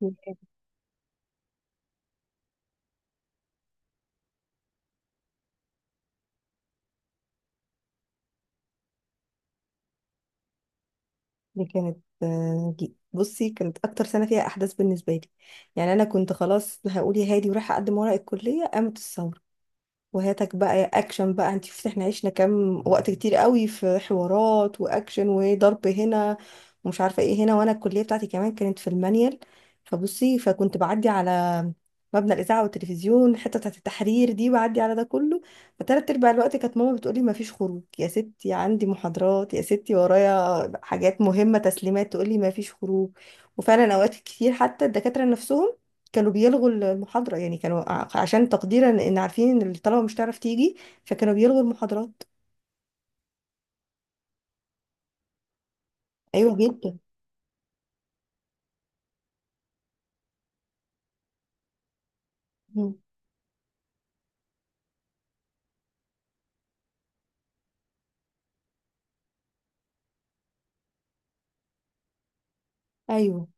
دي كانت دي كانت، آه، دي- بصي كانت اكتر سنه فيها احداث بالنسبه لي. يعني انا كنت خلاص هقول يا هادي ورايحه اقدم ورق الكليه، قامت الثوره. وهاتك بقى يا اكشن، بقى انت شفتي احنا عشنا كام وقت كتير قوي في حوارات واكشن وضرب هنا ومش عارفه ايه هنا، وانا الكليه بتاعتي كمان كانت في المانيال. فبصي، فكنت بعدي على مبنى الاذاعه والتلفزيون، الحته بتاعت التحرير دي، بعدي على ده كله. فتلات ارباع الوقت كانت ماما بتقولي: ما فيش خروج يا ستي، عندي محاضرات يا ستي ورايا حاجات مهمه تسليمات، تقولي ما فيش خروج. وفعلا اوقات كتير حتى الدكاتره نفسهم كانوا بيلغوا المحاضرة، يعني كانوا عشان تقديرا ان عارفين ان الطلبة مش هتعرف تيجي، فكانوا بيلغوا المحاضرات. ايوه جدا. مم. ايوه.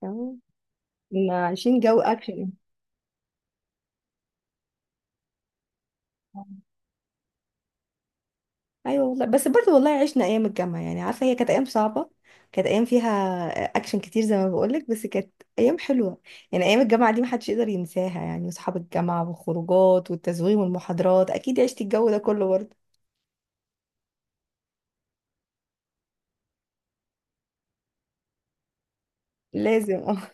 تمام. كنا عايشين جو اكشن. ايوه والله، بس برضه والله عشنا ايام الجامعة، يعني عارفة هي كانت ايام صعبة. كانت ايام فيها اكشن كتير زي ما بقولك، بس كانت ايام حلوة. يعني ايام الجامعة دي محدش يقدر ينساها، يعني اصحاب الجامعة والخروجات والتزويم والمحاضرات، اكيد عشتي الجو ده كله برضه. لازم اه.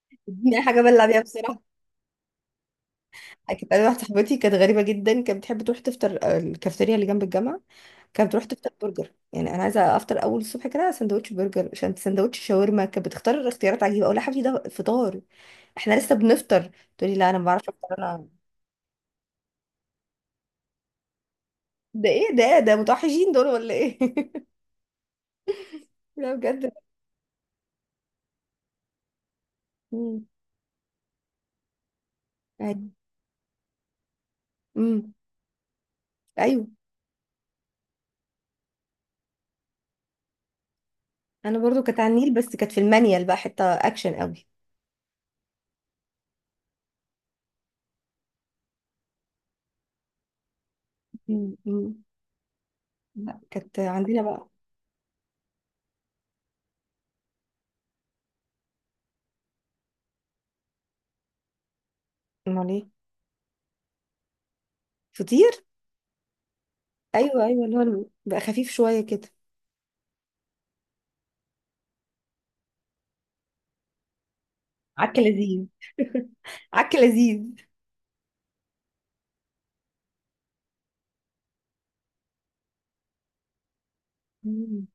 دي حاجة بلع بيها بصراحة. كانت انا واحده صاحبتي كانت غريبه جدا، كانت بتحب تروح تفطر الكافتيريا اللي جنب الجامعه. كانت بتروح تفطر برجر، يعني انا عايزه افطر اول الصبح كده سندوتش برجر عشان سندوتش شاورما؟ كانت بتختار اختيارات عجيبه، اقول لها: يا حبيبتي ده فطار؟ احنا لسه بنفطر. تقولي: لا انا ما بعرفش افطر انا. ده ايه ده؟ إيه؟ ده متوحشين دول ولا ايه؟ لا بجد. امم. ايوه. امم. ايوه. انا برضو كانت على النيل، بس كانت في المانيال بقى حته اكشن قوي. امم. أمم. لا كانت عندنا بقى. امال ايه؟ فطير. ايوه ايوه اللي هو بقى خفيف شويه كده. عك لذيذ. عك لذيذ. مم.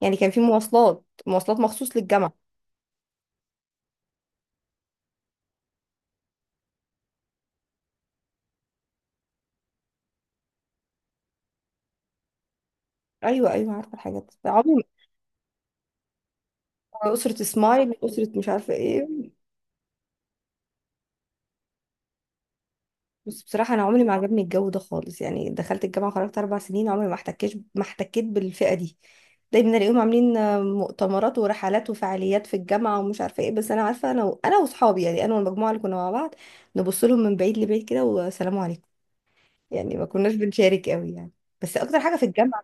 يعني كان في مواصلات مخصوص للجامعه. ايوه، ايوه، عارفه الحاجات دي. عمري، ما اسره سمايل، اسره مش عارفه ايه. بس بصراحه انا عمري ما عجبني الجو ده خالص، يعني دخلت الجامعه خرجت 4 سنين عمري ما احتكيت بالفئه دي. دايما الاقيهم عاملين مؤتمرات ورحلات وفعاليات في الجامعه ومش عارفه ايه، بس انا عارفه انا واصحابي، يعني انا والمجموعه اللي كنا مع بعض. نبص لهم من بعيد لبعيد كده والسلام عليكم. يعني ما كناش بنشارك قوي يعني. بس اكتر حاجه في الجامعه.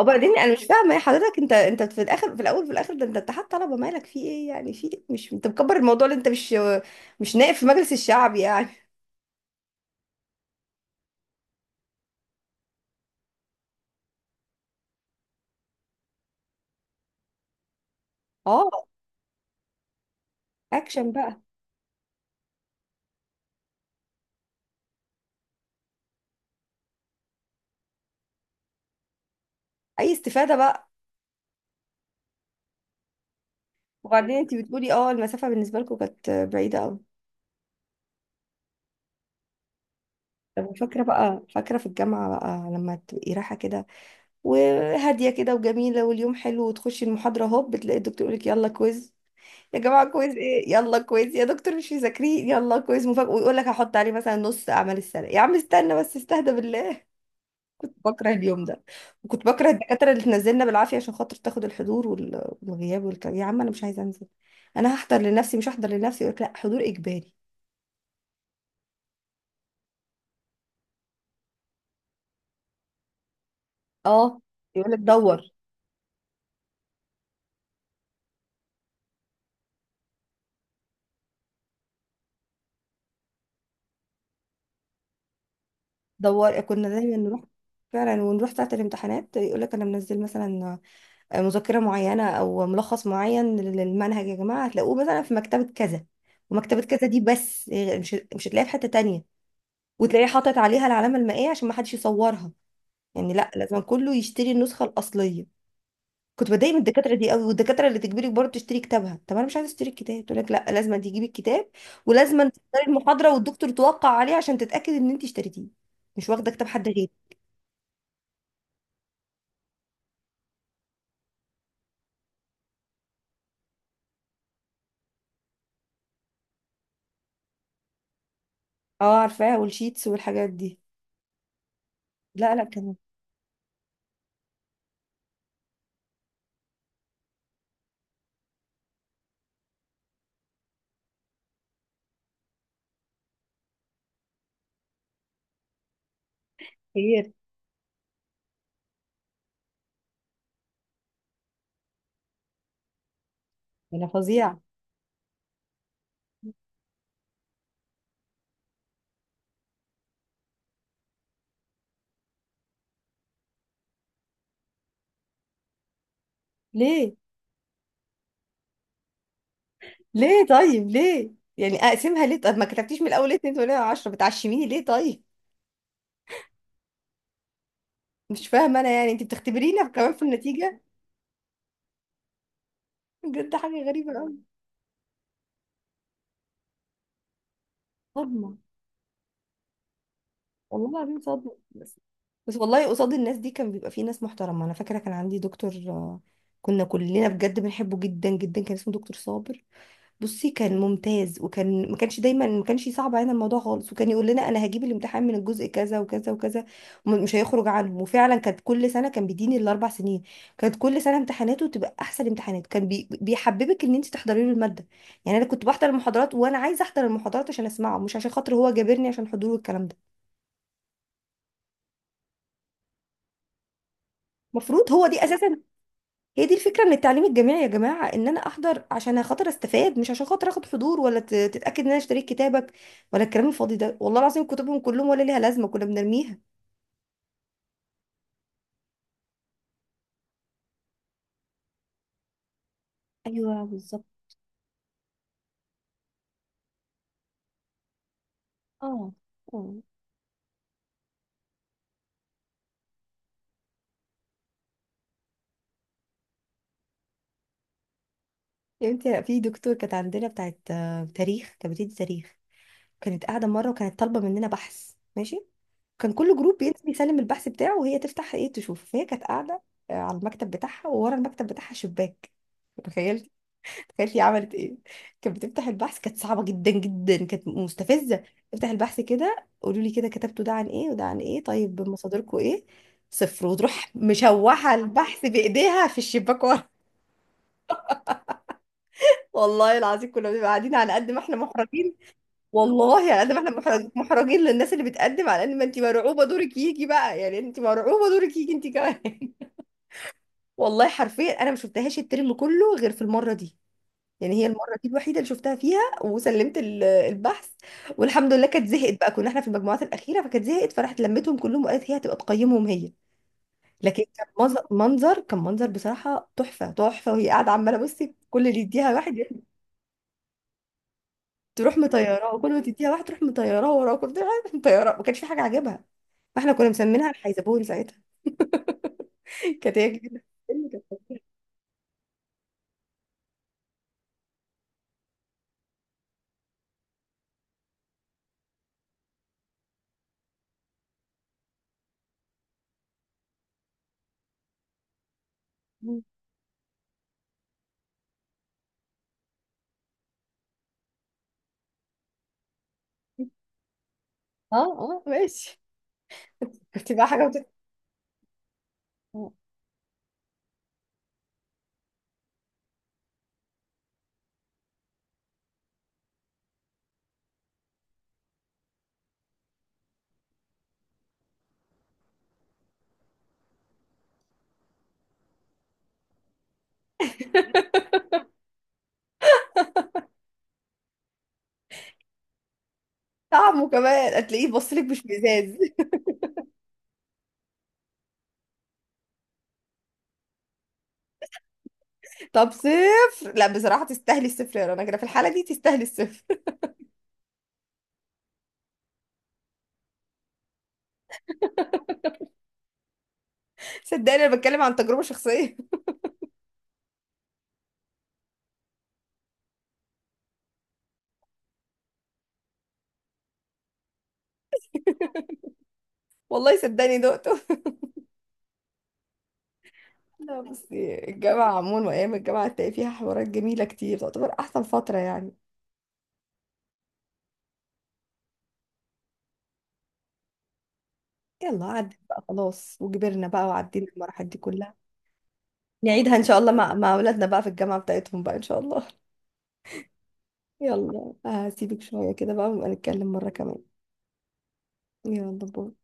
وبعدين انا مش فاهمه يا حضرتك، انت في الاخر في الاول في الاخر، ده انت اتحاد طلبه مالك في ايه؟ يعني في إيه؟ مش انت مكبر الموضوع اللي انت مش، مش نائب في مجلس الشعب يعني. اه. اكشن بقى. اي استفاده بقى. وبعدين انت بتقولي اه، المسافه بالنسبه لكم كانت بعيده قوي. طب فاكره بقى، فاكره في الجامعه بقى لما تبقي رايحه كده وهاديه كده وجميله واليوم حلو، وتخشي المحاضره هوب بتلاقي الدكتور يقول لك: يلا كويز. يا جماعة كويز ايه؟ يلا كويز يا دكتور مش مذاكرين، يلا كويز مفاجأة. ويقول لك هحط عليه مثلا نص اعمال السنة. يا عم استنى بس استهدى بالله. بكره اليوم ده. وكنت بكره الدكاترة اللي تنزلنا بالعافية عشان خاطر تاخد الحضور والغياب والكلام، يا عم انا مش عايزة انزل. انا هحضر لنفسي مش هحضر لنفسي، يقول لك: لا، حضور اجباري. اه. يقول لك دور. دور كنا دايما نروح فعلا، ونروح ساعة الامتحانات يقول لك: انا منزل مثلا مذكرة معينة أو ملخص معين للمنهج، يا جماعة هتلاقوه مثلا في مكتبة كذا. ومكتبة كذا دي بس مش هتلاقيها في حتة تانية. وتلاقيه حاطط عليها العلامة المائية عشان ما حدش يصورها، يعني لا، لازم كله يشتري النسخة الأصلية. كنت بتضايق من الدكاترة دي قوي، والدكاترة اللي تجبرك برضه تشتري كتابها، طب أنا مش عايزة أشتري الكتاب، تقول لك: لا لازم تجيبي الكتاب. ولازم تختاري المحاضرة والدكتور توقع عليها عشان تتأكد إن أنت اشتريتيه. مش واخدة كتاب حد غيري. اه عارفاها والشيتس والحاجات دي. لا، لا، كان خير. انا فظيعة. ليه؟ ليه طيب ليه؟ يعني اقسمها ليه؟ طب ما كتبتيش من الاول ليه اتنين ولا عشرة، بتعشميني ليه طيب؟ مش فاهمه انا، يعني انت بتختبرينا كمان في النتيجه؟ بجد حاجه غريبه قوي. صدمه، والله العظيم صدمه. بس والله قصاد الناس دي كان بيبقى في ناس محترمه، انا فاكره كان عندي دكتور، كنا كلنا بجد بنحبه جدا جدا، كان اسمه دكتور صابر. بصي كان ممتاز، وكان ما كانش، دايما ما كانش صعب علينا الموضوع خالص، وكان يقول لنا: انا هجيب الامتحان من الجزء كذا وكذا وكذا، ومش هيخرج عنهم. وفعلا كانت كل سنه كان بيديني الاربع سنين، كانت كل سنه امتحاناته تبقى احسن امتحانات، كان بيحببك ان انت تحضري له الماده. يعني انا كنت بحضر المحاضرات وانا عايزه احضر المحاضرات عشان اسمعه، مش عشان خاطر هو جابرني عشان حضور الكلام ده. المفروض هو دي اساسا، هي دي الفكرة من التعليم الجامعي يا جماعة، ان انا احضر عشان خاطر استفاد، مش عشان خاطر اخد حضور ولا تتأكد ان انا اشتريت كتابك، ولا الكلام الفاضي ده. والله العظيم كتبهم كلهم ولا ليها لازمة، كنا بنرميها. ايوه بالظبط. اه. اه. يا بنتي في دكتور كانت عندنا بتاعت تاريخ، كانت بتدي تاريخ. كانت قاعدة مرة، وكانت طالبة مننا بحث، ماشي. كان كل جروب بينزل يسلم البحث بتاعه وهي تفتح ايه تشوف، فهي كانت قاعدة على المكتب بتاعها، وورا المكتب بتاعها شباك. تخيلي، تخيلي عملت ايه. كانت بتفتح البحث، كانت صعبة جدا جدا، كانت مستفزة. افتح البحث كده قولوا لي كده: كتبتوا ده عن ايه وده عن ايه؟ طيب مصادركم ايه؟ صفر، وتروح مشوحة البحث بإيديها في الشباك ورا. والله العظيم كنا بنبقى قاعدين على قد ما احنا محرجين، والله على قد ما احنا محرجين للناس اللي بتقدم، على ان ما انت مرعوبة دورك يجي بقى، يعني انت مرعوبة دورك يجي انت كمان. والله حرفيا انا ما شفتهاش الترم كله غير في المرة دي، يعني هي المرة دي الوحيدة اللي شفتها فيها وسلمت البحث. والحمد لله كانت زهقت بقى، كنا احنا في المجموعات الأخيرة فكانت زهقت، فراحت لمتهم كلهم وقالت هي هتبقى تقيمهم هي. لكن كان منظر، كان منظر بصراحة تحفة تحفة، وهي قاعدة عمالة بصي كل اللي يديها واحد تروح مطيراه، وكل ما تديها واحد تروح مطيراه وراك، كنت مطيراه، ما كانش في حاجة عاجبها. فاحنا كنا مسمينها الحيزبون ساعتها. كانت هي كده. اه، اه، ماشي. كنت بقى حاجة طعمه كمان هتلاقيه بصلك مش مزاز. طب صفر؟ لا بصراحة تستاهلي الصفر يا رنا كده، في الحالة دي تستاهلي الصفر. صدقني انا بتكلم عن تجربة شخصية. والله صدقني دقته. لا بصي الجامعة عموما وايام الجامعة هتلاقي فيها حوارات جميلة كتير، تعتبر احسن فترة يعني. يلا عدت بقى خلاص، وكبرنا بقى وعدينا المراحل دي كلها. نعيدها ان شاء الله مع اولادنا بقى في الجامعة بتاعتهم بقى، ان شاء الله. يلا هسيبك شوية كده بقى، ونبقى نتكلم مرة كمان. يلا باي.